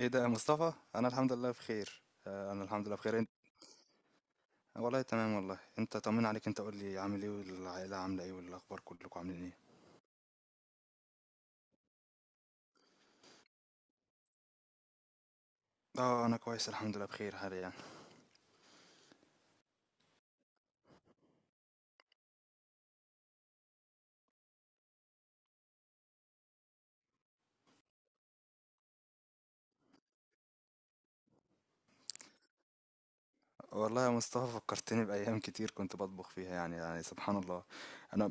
ايه ده يا مصطفى، انا الحمد لله بخير، انا الحمد لله بخير انت. والله تمام. والله انت طمنا عليك. انت قول لي عامل ايه، والعائله عامله ايه، والاخبار كلكم عاملين ايه. اه، انا كويس الحمد لله بخير حاليا. والله يا مصطفى فكرتني بأيام كتير كنت بطبخ فيها، يعني سبحان الله. أنا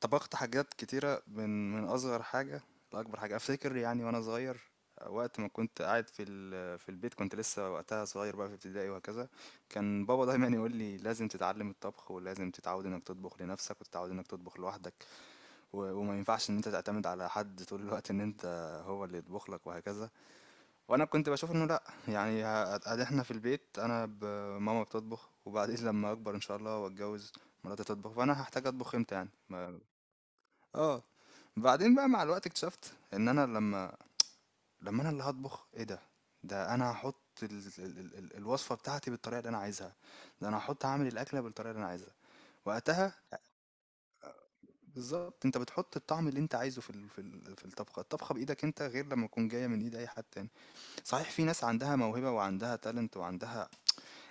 طبخت حاجات كتيرة، من أصغر حاجة لأكبر حاجة أفتكر يعني. وأنا صغير وقت ما كنت قاعد في في البيت، كنت لسه وقتها صغير بقى في ابتدائي وهكذا. كان بابا دايما يقول لي لازم تتعلم الطبخ، ولازم تتعود انك تطبخ لنفسك، وتتعود انك تطبخ لوحدك. وما ينفعش ان انت تعتمد على حد طول الوقت، ان انت هو اللي يطبخ لك وهكذا. وانا كنت بشوف انه لا، يعني احنا في البيت انا ماما بتطبخ، وبعدين لما اكبر ان شاء الله واتجوز مراتي تطبخ، فانا هحتاج اطبخ امتى يعني اه. بعدين بقى مع الوقت اكتشفت ان انا لما انا اللي هطبخ، ايه ده، ده انا هحط ال... الوصفه بتاعتي بالطريقه اللي انا عايزها، ده انا هحط هعمل الاكله بالطريقه اللي انا عايزها وقتها. بالظبط، انت بتحط الطعم اللي انت عايزه في الطبخه، الطبخه بايدك انت، غير لما تكون جايه من ايد اي حد تاني. صحيح، في ناس عندها موهبه وعندها تالنت وعندها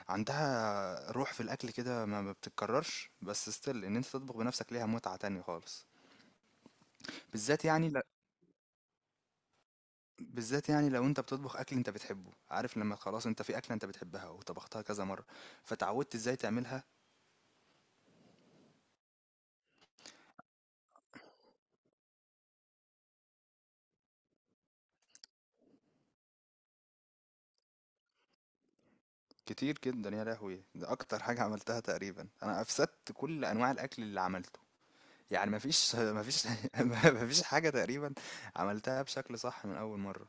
عندها روح في الاكل كده، ما بتتكررش، بس ستيل ان انت تطبخ بنفسك ليها متعة تانية خالص. بالذات يعني بالذات يعني لو انت بتطبخ اكل انت بتحبه. عارف لما خلاص انت في اكلة انت بتحبها وطبختها كذا مرة، فتعودت ازاي تعملها. كتير جدا يا لهوي، ده اكتر حاجة عملتها تقريبا. انا افسدت كل انواع الاكل اللي عملته، يعني مفيش مفيش مفيش حاجة تقريبا عملتها بشكل صح من اول مرة.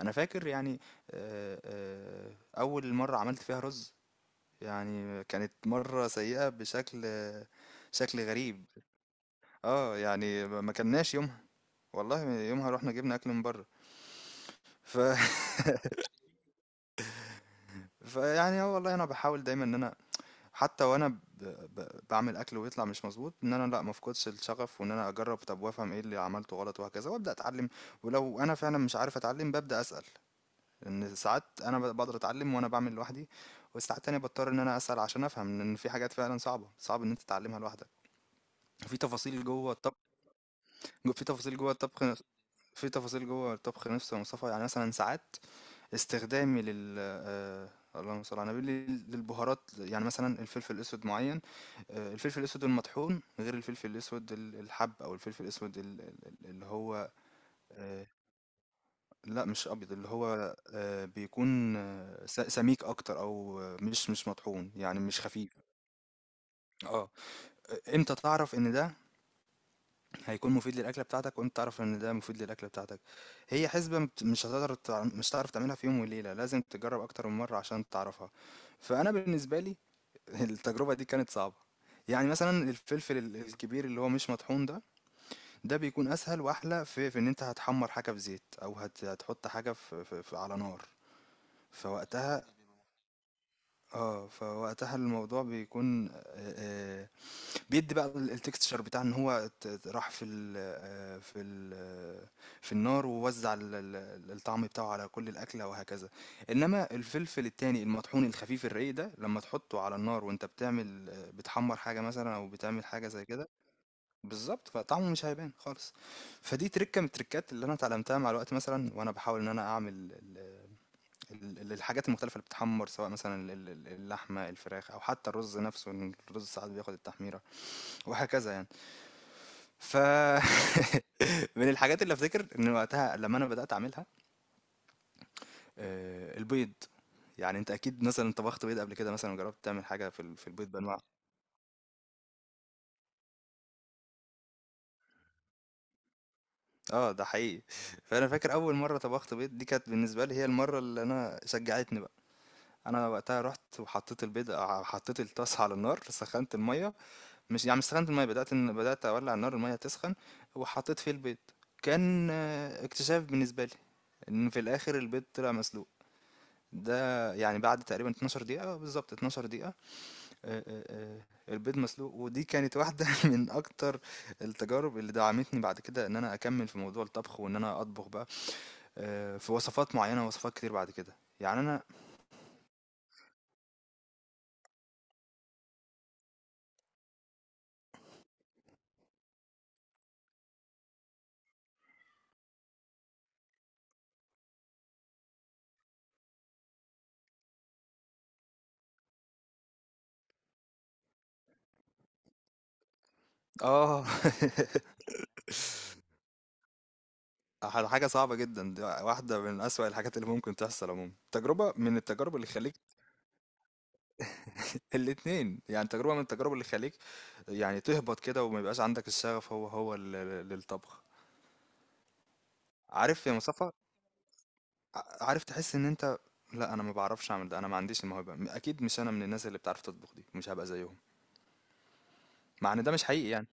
انا فاكر يعني، آه، آه، اول مرة عملت فيها رز يعني، كانت مرة سيئة بشكل، شكل غريب. اه يعني ما كناش يومها، والله يومها رحنا جبنا اكل من بره. ف فيعني اه والله انا بحاول دايما ان انا حتى وانا بعمل اكل ويطلع مش مظبوط، ان انا لا، ما افقدش الشغف، وان انا اجرب، طب وافهم ايه اللي عملته غلط وهكذا، وابدا اتعلم. ولو انا فعلا مش عارف اتعلم، ببدا اسال، لان ساعات انا بقدر اتعلم وانا بعمل لوحدي، وساعات تانية بضطر ان انا اسال عشان افهم، لان في حاجات فعلا صعبه، صعب ان انت تتعلمها لوحدك. وفي تفاصيل جوه، جو- في تفاصيل جوه الطبخ نفس- في تفاصيل جوه الطبخ نفسه يا مصطفى. يعني مثلا ساعات استخدامي لل اللهم صل على النبي للبهارات، يعني مثلا الفلفل الاسود معين، الفلفل الاسود المطحون غير الفلفل الاسود الحب، او الفلفل الاسود اللي هو آه، لا مش ابيض، اللي هو بيكون سميك اكتر، او مش مش مطحون يعني، مش خفيف. اه، امتى تعرف ان ده هيكون مفيد للأكلة بتاعتك؟ وأنت تعرف إن ده مفيد للأكلة بتاعتك، هي حسبة مش هتقدر مش هتعرف تعملها في يوم وليلة، لازم تجرب أكتر من مرة عشان تعرفها. فأنا بالنسبة لي التجربة دي كانت صعبة. يعني مثلا الفلفل الكبير اللي هو مش مطحون ده، ده بيكون أسهل وأحلى في إن أنت هتحمر حاجة في زيت، أو هتحط حاجة في على نار. فوقتها، اه فوقتها الموضوع بيكون بيدي بقى الtexture بتاع إن هو ت ت راح في ال، في النار، ووزّع ال ال الطعم بتاعه على كل الأكلة وهكذا. إنما الفلفل التاني المطحون الخفيف الرقيق ده، لمّا تحطه على النار وأنت بتعمل، بتحمّر حاجة مثلًا أو بتعمل حاجة زي كده، بالضبط، فطعمه مش هيبان خالص. فدي ترِكّة من التريكات اللي أنا اتعلمتها مع الوقت مثلًا، وأنا باحاول إن أنا أعمل ال ال ال الحاجات المختلفة اللي بتتحمّر، سواء مثلًا ال ال اللحمة، الفراخ، أو حتى الرز نفسه، إن الرز ساعات بياخد التحميرة وهكذا يعني. ف من الحاجات اللي افتكر إن وقتها لمّا أنا بدأت أعملها، البيض. يعني أنت أكيد مثلًا طبخت بيض قبل كده، مثلًا وجرّبت تعمل حاجة في في البيض بأنواعه. ده حقيقي. فأنا فاكر أول مرّة طبخت بيض، دي كانت بالنسبة لي هي المرّة اللي أنا شجّعتني بقى. أنا وقتها رُحت وحطّيت البيض، حطّيت الطاسة على النار، سخّنت المَيّة، مش يعني مش سخّنت المَيّة، بدأت إن بدأت أولّع النار المَيّة تسخن، وحطّيت فيه البيض. كان اكتشاف بالنسبة لي، إن في الآخر البيض طلع مسلوق. ده يعني بعد تقريبًا 12 دقيقة، بالضبط 12 دقيقة، البيض مسلوق، ودي كانت واحدة من أكتر التجارب اللي دعمتني بعد كده، إن أنا أكمّل في موضوع الطبخ، وإن أنا أطبخ بقى في وصفات معيّنة، وصفات كتير بعد كده. يعني أنا آه حاجة صعبة جدًا، ده واحدة من أسوأ الحاجات اللي ممكن تحصل عمومًا. تجربة من التجارب اللي تخلّيك، الاتنين، يعني تجربة من التجارب اللي تخلّيك يعني تهبط كده، وما يبقاش عندك الشغف هو للطبخ. عارف يا مصطفى، عارف تحس ان انت لا انا ما بعرفش اعمل ده، انا ما عنديش الموهبه، اكيد مش انا من الناس اللي بتعرف تطبخ، دي مش هبقى زيهم. مع ان ده مش حقيقي يعني.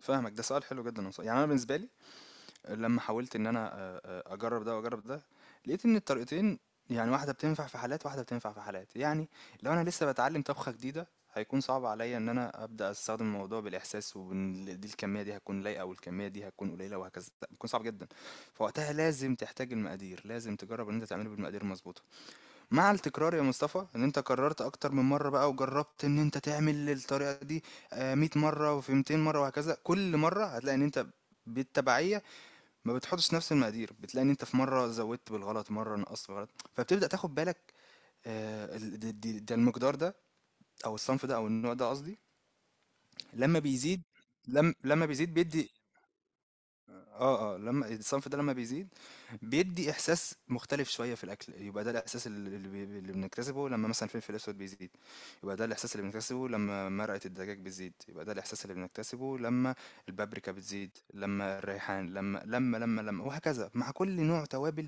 فاهمك، ده سؤال حلو جدا والله. يعني انا بالنسبه لي لما حاولت ان انا اجرب ده واجرب ده، لقيت ان الطريقتين، يعني واحده بتنفع في حالات، واحده بتنفع في حالات يعني. لو انا لسه بتعلم طبخه جديده، هيكون صعب عليا ان انا ابدا استخدم الموضوع بالاحساس، وان دي الكميه دي هتكون لايقه، والكميه دي هتكون قليله وهكذا، بيكون صعب جدا. فوقتها لازم تحتاج المقادير، لازم تجرب ان انت تعمله بالمقادير المظبوطه. مع التكرار يا مصطفى، ان انت قررت اكتر من مره بقى وجربت ان انت تعمل الطريقه دي 100 مره وفي 200 مره وهكذا، كل مره هتلاقي ان انت بالتبعيه ما بتحطش نفس المقادير. بتلاقي ان انت في مره زودت بالغلط، مره نقصت بالغلط، فبتبدا تاخد بالك، ده المقدار ده، او الصنف ده، او النوع ده قصدي. لما بيزيد، لم لما بيزيد بيدي، اه اه لما الصنف ده لما بيزيد بيدي احساس مختلف شويه في الاكل، يبقى ده الاحساس اللي بنكتسبه. لما مثلا الفلفل الاسود بيزيد، يبقى ده الاحساس اللي بنكتسبه. لما مرقه الدجاج بتزيد، يبقى ده الاحساس اللي بنكتسبه. لما البابريكا بتزيد، لما الريحان، لما لما لما لما وهكذا مع كل نوع توابل.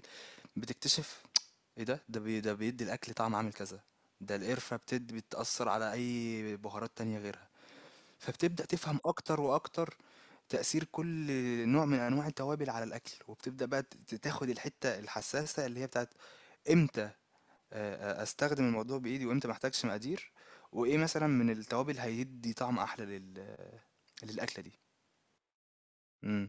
بتكتشف ايه ده، ده بي ده بيدي الاكل طعم عامل كذا. ده القرفه بتاثر على اي بهارات تانية غيرها. فبتبدا تفهم اكتر واكتر تأثير كل نوع من أنواع التوابل على الأكل، وبتبدأ بقى ت ت تاخد الحتّة الحسّاسة اللي هي بتاعة إمتى أستخدم الموضوع بإيدي، وإمتى ما أحتاجش مقادير، وإيه مثلًا من التوابل هيدّي طعم أحلى لل، للأكلة دي. إمم.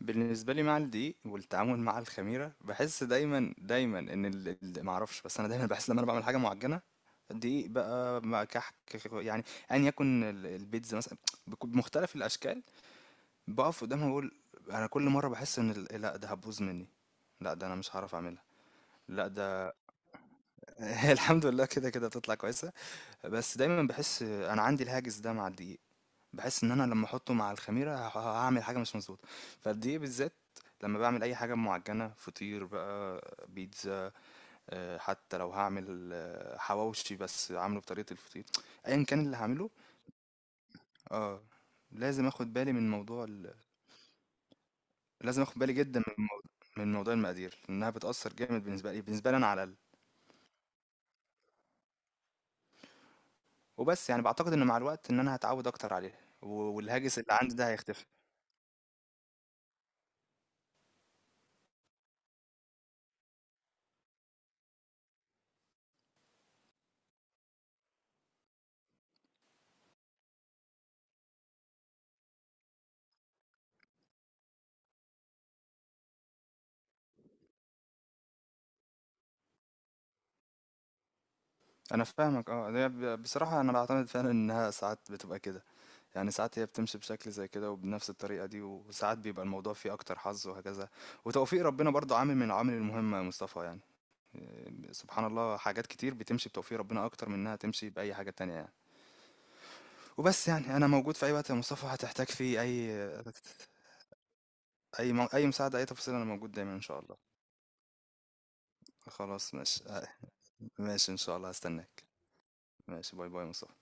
فبالنسبة لي مع الدقيق والتعامل مع الخميرة، باحس دايمًا إن ال ال ما أعرفش، بس أنا دايمًا باحس لمّا أنا باعمل حاجة معجّنة، دقيق بقى مع كحك يعني، أيًا يكن البيتزا مثلًا، بمختلف الأشكال. بقف قدامها بقول انا كل مره بحس ان لا ده هتبوظ مني، لا ده انا مش هعرف اعملها، لا ده هي الحمد لله كده كده بتطلع كويسه. بس دايما بحس انا عندي الهاجس ده مع الدقيق. بحس ان انا لما احطه مع الخميره هعمل حاجه مش مظبوطه. فالدقيق بالذات لما بعمل اي حاجه معجنه، فطير بقى، بيتزا، حتى لو هعمل حواوشي بس عامله بطريقه الفطير، ايا كان اللي هعمله، اه لازم اخد بالي من موضوع لازم اخد بالي جدا من موضوع المقادير، لانها بتأثر جامد بالنسبة لي، بالنسبة لي انا على الاقل. وبس يعني بعتقد ان مع الوقت ان انا هتعود اكتر عليها، والهاجس اللي عندي ده هيختفي. انا فاهمك، اه ده بصراحة انا بعتمد فعلا انها ساعات بتبقى كده. يعني ساعات هي بتمشي بشكل زي كده وبنفس الطريقة دي، وساعات بيبقى الموضوع فيه اكتر حظ وهكذا. وتوفيق ربنا برضو عامل من العوامل المهمة يا مصطفى يعني. إيه، سبحان الله، حاجات كتير بتمشي بتوفيق ربنا اكتر من انها تمشي بأي حاجة تانية يعني. وبس يعني انا موجود في اي وقت يا مصطفى هتحتاج فيه اي، اي اي مساعدة، اي تفاصيل، انا موجود دايما ان شاء الله. خلاص ماشي، ماشي ان شاء الله هستناك. ماشي، باي باي مصطفى.